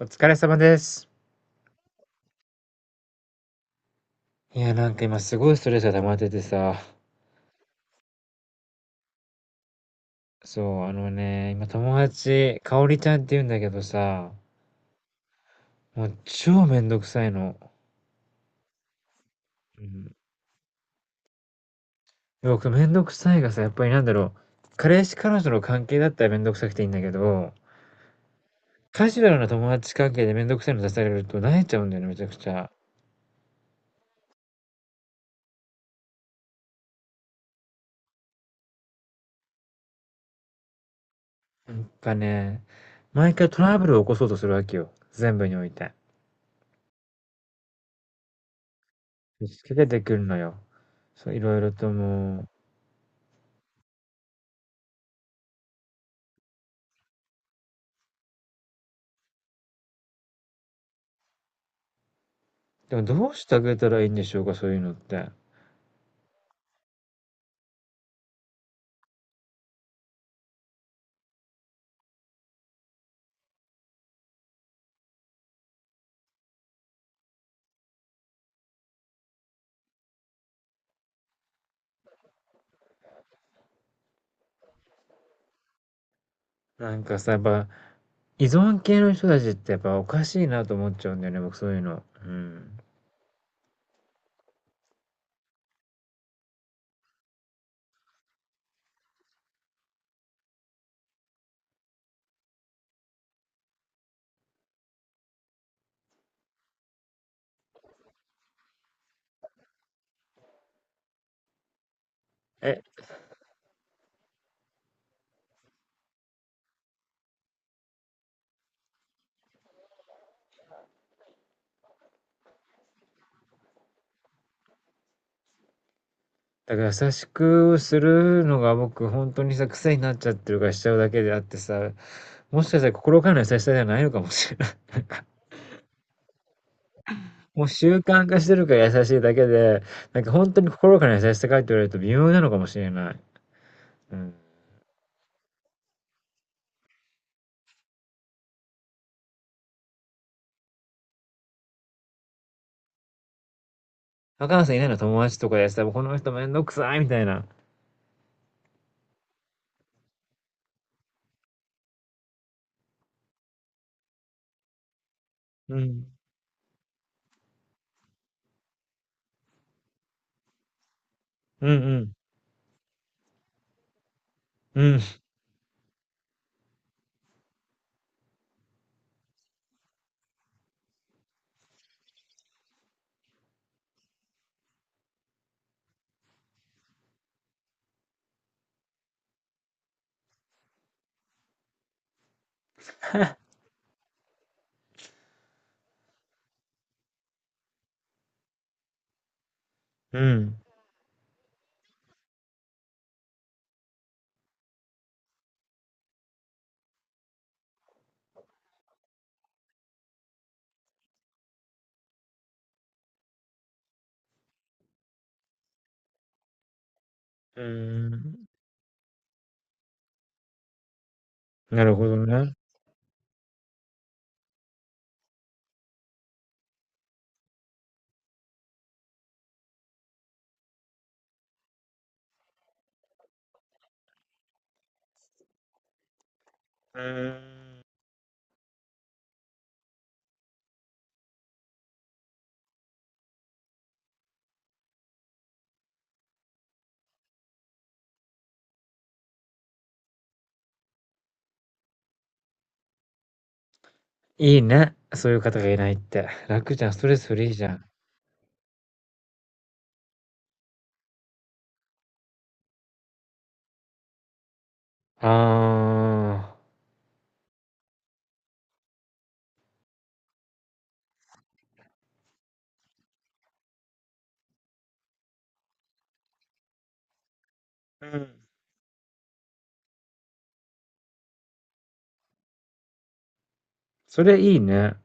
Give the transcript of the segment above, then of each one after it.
お疲れ様です。いや、今すごいストレスが溜まっててさ。そう、今友達、かおりちゃんって言うんだけどさ、もう超めんどくさいの。うん。僕めんどくさいがさ、やっぱりなんだろう。彼氏彼女の関係だったらめんどくさくていいんだけど、カジュアルな友達関係でめんどくさいの出されると萎えちゃうんだよね、めちゃくちゃ。やっぱね、毎回トラブルを起こそうとするわけよ。全部において。仕掛けてくるのよ。そう、いろいろともう。でもどうしてあげたらいいんでしょうか、そういうのって。なんかさ、やっぱ、依存系の人たちってやっぱおかしいなと思っちゃうんだよね、僕そういうの。うん。え、だから優しくするのが僕本当にさ、癖になっちゃってるからしちゃうだけであってさ、もしかしたら心からの優しさではないのかもしれない。もう習慣化してるから優しいだけで、本当に心からの優しさかって言われると微妙なのかもしれない。うん。若菜さんいないの友達とかでさ、この人めんどくさいみたいな。うん。うんうん。うん。うん。うーん。なるほどね。うーん。いいね、そういう方がいないって。楽じゃん、ストレスフリーじゃん。ああ。うん。それいいね。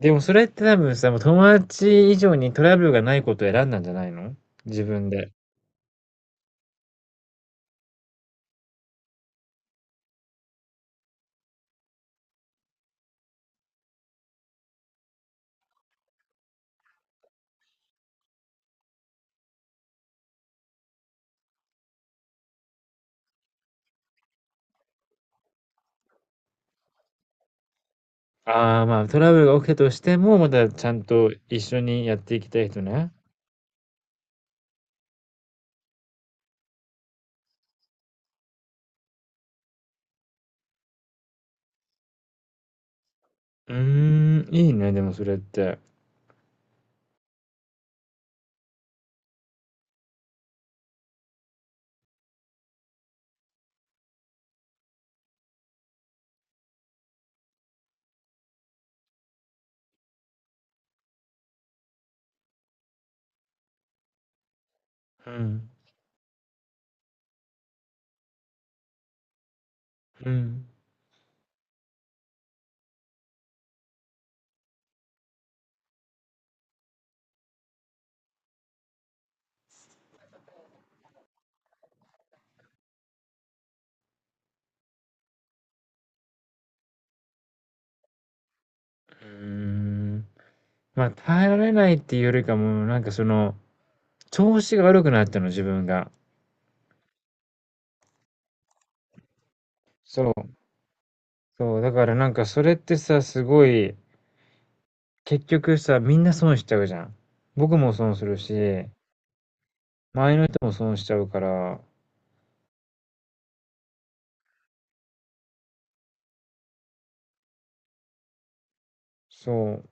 でもそれって多分さ、もう友達以上にトラブルがないことを選んだんじゃないの？自分で。ああ、まあ、トラブルが起きたとしても、またちゃんと一緒にやっていきたい人ね。うーん、いいね、でもそれって。うん。うん。うーん。まあ、耐えられないっていうよりかも、調子が悪くなったの、自分が。そう。そう。だからなんかそれってさ、すごい、結局さ、みんな損しちゃうじゃん。僕も損するし、周りの人も損しちゃうから、そう。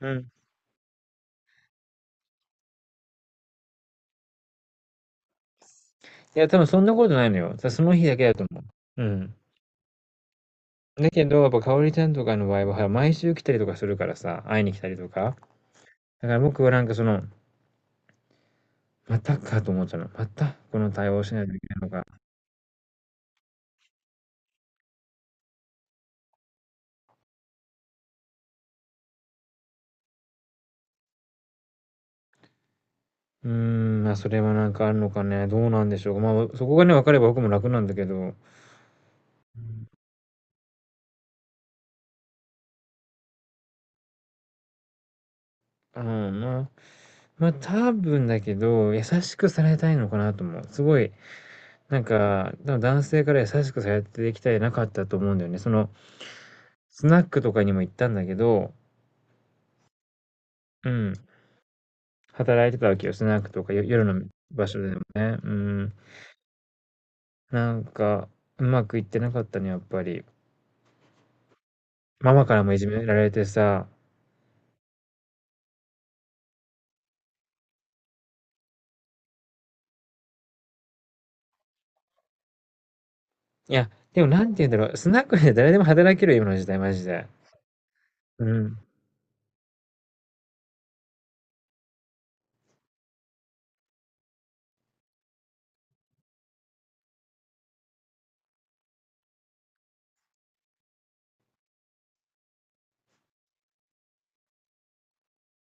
うん。いや、多分そんなことないのよ。さ、その日だけだと思う。うん。だけど、やっぱ、かおりちゃんとかの場合は、毎週来たりとかするからさ、会いに来たりとか。だから僕はなんかその、またかと思っちゃうの。またこの対応しないといけないのか。うーん、まあ、それはなんかあるのかね、どうなんでしょう。まあ、そこがね、分かれば僕も楽なんだけど。うん、まあ、多分だけど、優しくされたいのかなと思う。すごい、なんか、多分男性から優しくされてきてなかったと思うんだよね。その、スナックとかにも行ったんだけどうん、働いてたわけよ、スナックとかよ夜の場所でもね。うん。なんか、うまくいってなかったね、やっぱり。ママからもいじめられてさいや、でもなんて言うんだろう、スナックで誰でも働けるよ、今の時代、マジで。うん。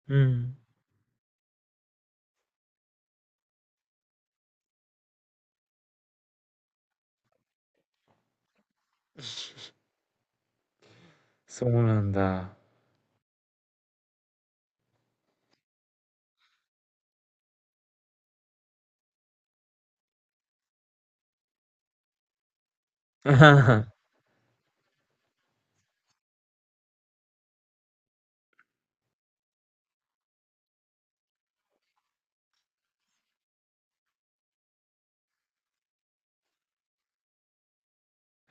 うん。そうなんだ。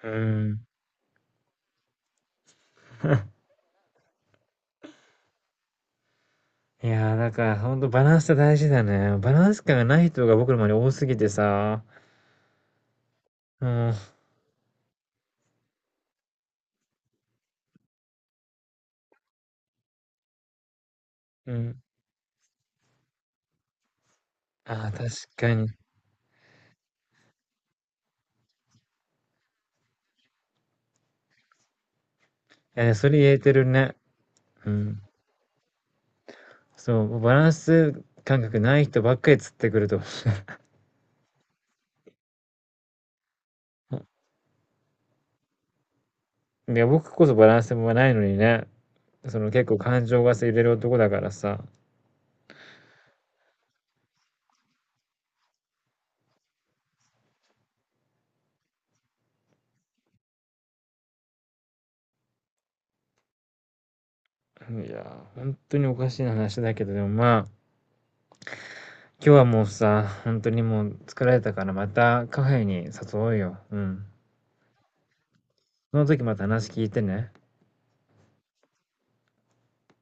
うん。いや、だからほんとバランスって大事だね。バランス感がない人が僕の周り多すぎてさ、うん、うん。ああ、確かに。いや、それ言えてるね。うん。そう、バランス感覚ない人ばっかり釣ってくると思う。いや、僕こそバランスもないのにね、その結構感情が揺れる男だからさ。いやー、本当におかしい話だけど、でもまあ、今日はもうさ、本当にもう疲れたからまたカフェに誘おうよ。うん。その時また話聞いてね。